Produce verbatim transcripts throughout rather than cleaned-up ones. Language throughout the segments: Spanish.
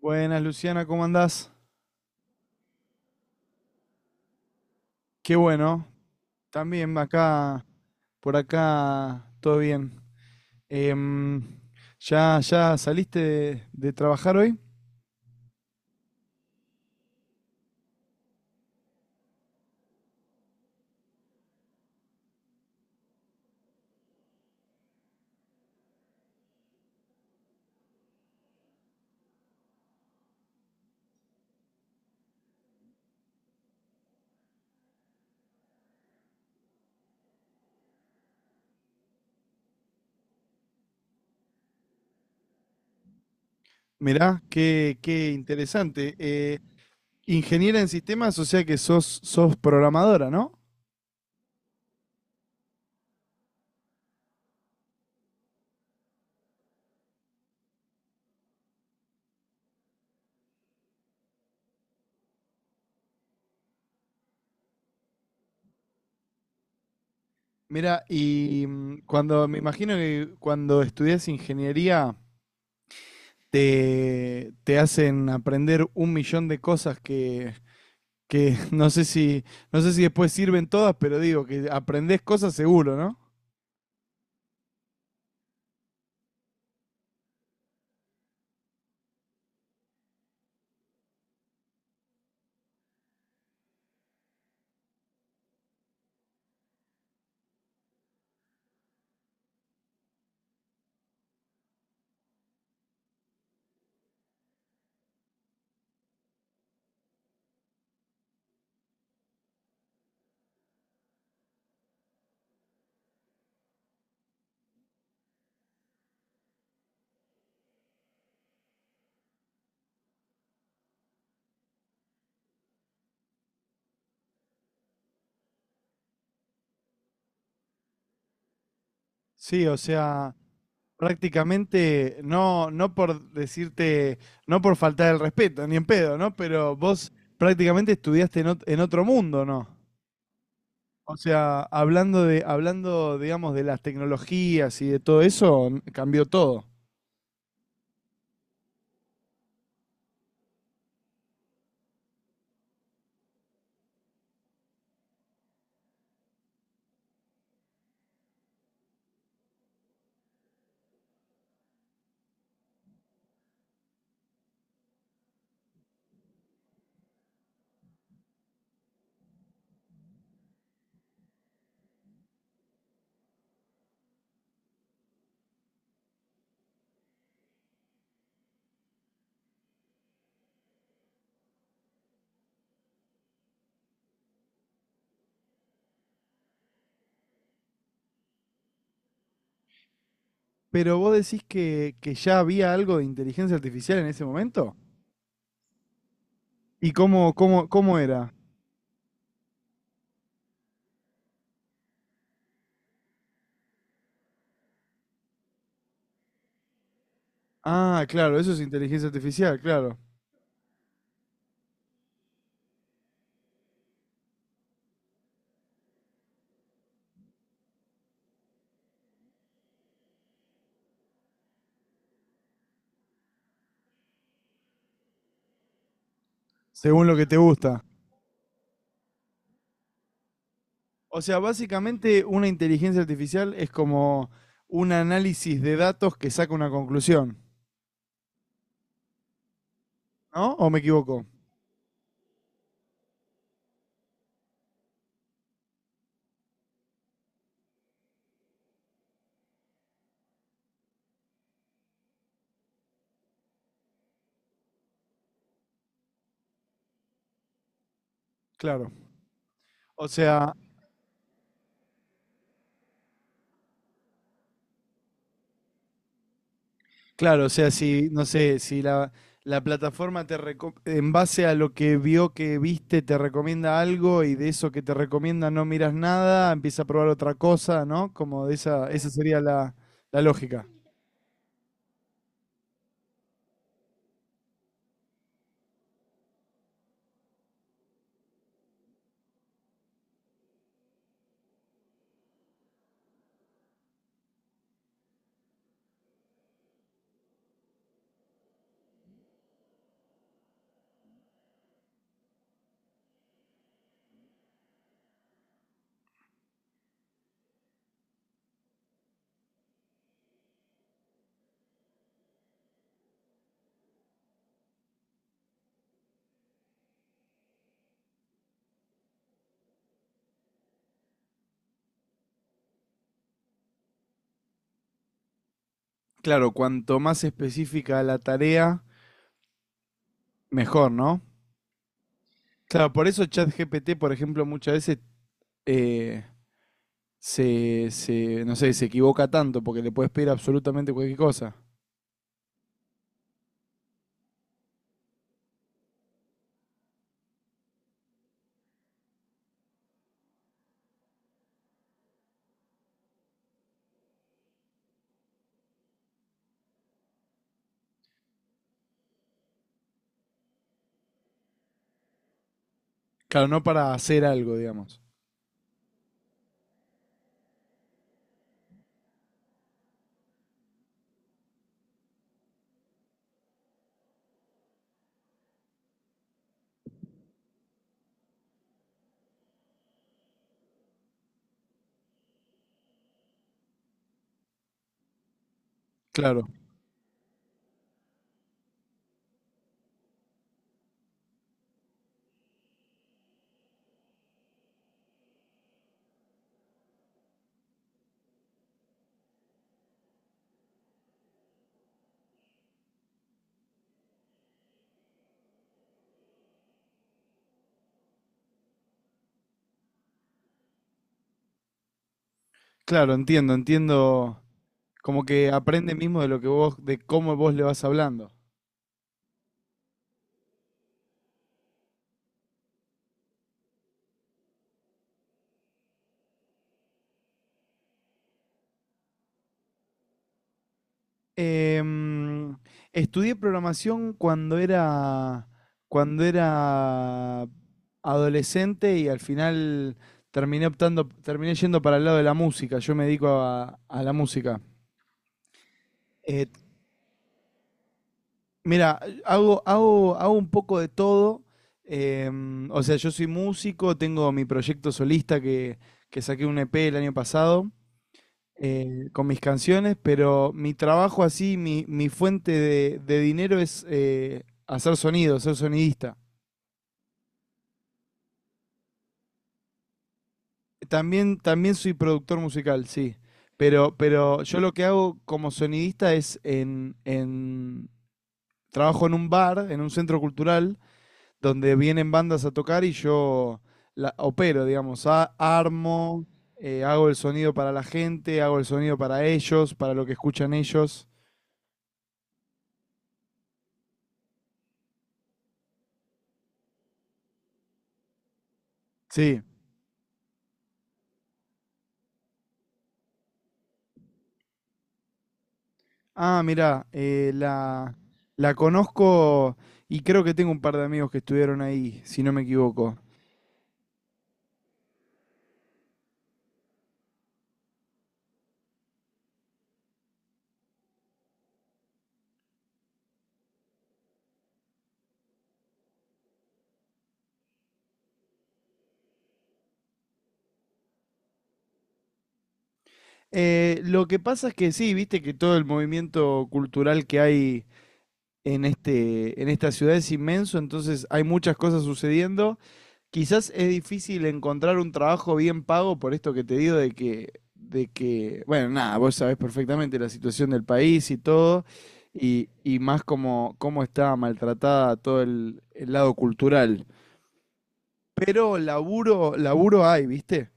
Buenas, Luciana, ¿cómo andás? Qué bueno. También acá, por acá, todo bien. Em, ¿ya, ya saliste de, de trabajar hoy? Mirá, qué, qué interesante. Eh, ingeniera en sistemas, o sea que sos, sos programadora, ¿no? Mira, y mm, cuando me imagino que cuando estudias ingeniería te, te hacen aprender un millón de cosas que, que no sé si, no sé si después sirven todas, pero digo que aprendés cosas seguro, ¿no? Sí, o sea, prácticamente no, no por decirte, no por faltar el respeto, ni en pedo, ¿no? Pero vos prácticamente estudiaste en, ot- en otro mundo, ¿no? O sea, hablando de, hablando, digamos, de las tecnologías y de todo eso, n- cambió todo. Pero vos decís que, que ya había algo de inteligencia artificial en ese momento. ¿Y cómo, cómo, cómo era? Ah, claro, eso es inteligencia artificial, claro. Según lo que te gusta. O sea, básicamente una inteligencia artificial es como un análisis de datos que saca una conclusión, ¿no? ¿O me equivoco? Claro. O sea, claro, o sea, si, no sé, si la, la plataforma te reco- en base a lo que vio que viste te recomienda algo y de eso que te recomienda no miras nada, empieza a probar otra cosa, ¿no? Como de esa, esa sería la, la lógica. Claro, cuanto más específica la tarea, mejor, ¿no? Claro, por eso ChatGPT, por ejemplo, muchas veces eh, se, se, no sé, se equivoca tanto porque le puedes pedir absolutamente cualquier cosa. Claro, no para hacer algo, digamos. Claro, claro, entiendo, entiendo. Como que aprende mismo de lo que vos, de cómo vos le vas hablando. Em, estudié programación cuando era, cuando era adolescente y al final terminé optando, terminé yendo para el lado de la música. Yo me dedico a, a la música. Eh, mira, hago, hago, hago un poco de todo. Em, o sea, yo soy músico, tengo mi proyecto solista que, que saqué un E P el año pasado. Eh, con mis canciones, pero mi trabajo así, mi, mi fuente de, de dinero es eh, hacer sonido, ser sonidista. También, también soy productor musical, sí. Pero, pero yo lo que hago como sonidista es en, en- trabajo en un bar, en un centro cultural, donde vienen bandas a tocar y yo la opero, digamos, a- armo, eh, hago el sonido para la gente, hago el sonido para ellos, para lo que escuchan ellos. Sí. Ah, mirá, eh, la, la conozco y creo que tengo un par de amigos que estuvieron ahí, si no me equivoco. Eh, lo que pasa es que sí, viste que todo el movimiento cultural que hay en este, en esta ciudad es inmenso, entonces hay muchas cosas sucediendo. Quizás es difícil encontrar un trabajo bien pago por esto que te digo de que, de que, bueno, nada, vos sabés perfectamente la situación del país y todo, y, y más como cómo está maltratada todo el el lado cultural. Pero laburo, laburo hay, ¿viste?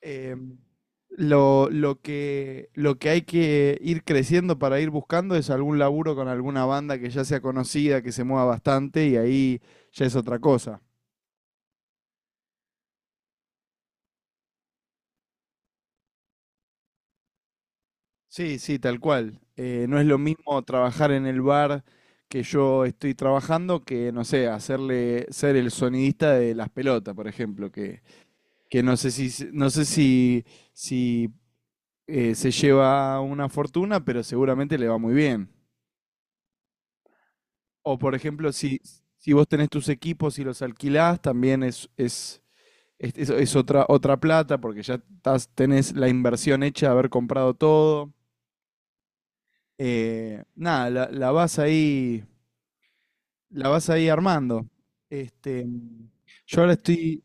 Eh, lo, lo que, lo que hay que ir creciendo para ir buscando es algún laburo con alguna banda que ya sea conocida, que se mueva bastante y ahí ya es otra cosa. Sí, sí, tal cual. Eh, no es lo mismo trabajar en el bar que yo estoy trabajando que, no sé, hacerle ser el sonidista de las pelotas, por ejemplo, que, que no sé si, no sé si, si eh, se lleva una fortuna, pero seguramente le va muy bien. O por ejemplo, si, si vos tenés tus equipos y los alquilás, también es, es, es, es- es otra, otra plata, porque ya estás, tenés la inversión hecha de haber comprado todo. Eh, nada, la, la vas ahí, la vas ahí armando. Este, yo ahora estoy.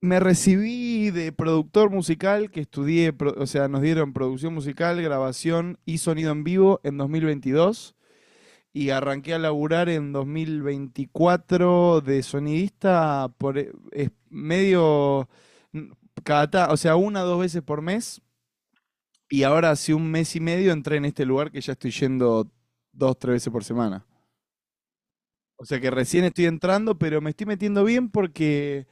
Me recibí de productor musical, que estudié, pro- o sea, nos dieron producción musical, grabación y sonido en vivo en dos mil veintidós. Y arranqué a laburar en dos mil veinticuatro de sonidista por eh, es medio n- cada, ta- o sea, una dos veces por mes. Y ahora hace un mes y medio entré en este lugar que ya estoy yendo dos, tres veces por semana. O sea que recién estoy entrando, pero me estoy metiendo bien porque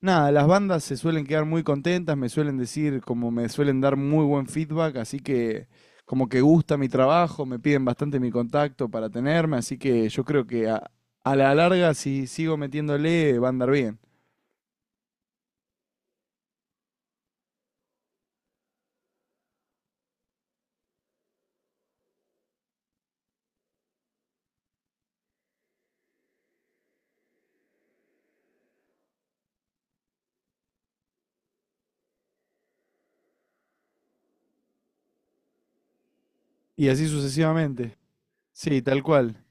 nada, las bandas se suelen quedar muy contentas, me suelen decir, como me suelen dar muy buen feedback, así que como que gusta mi trabajo, me piden bastante mi contacto para tenerme, así que yo creo que a, a la larga, si sigo metiéndole, va a andar bien. Y así sucesivamente. Sí, tal cual.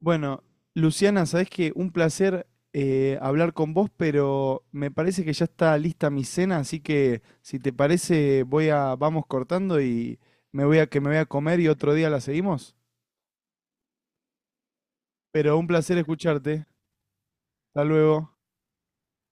Bueno, Luciana, sabes que un placer eh, hablar con vos, pero me parece que ya está lista mi cena, así que si te parece, voy a, vamos cortando y me voy a que me voy a comer y otro día la seguimos. Pero un placer escucharte. Hasta luego.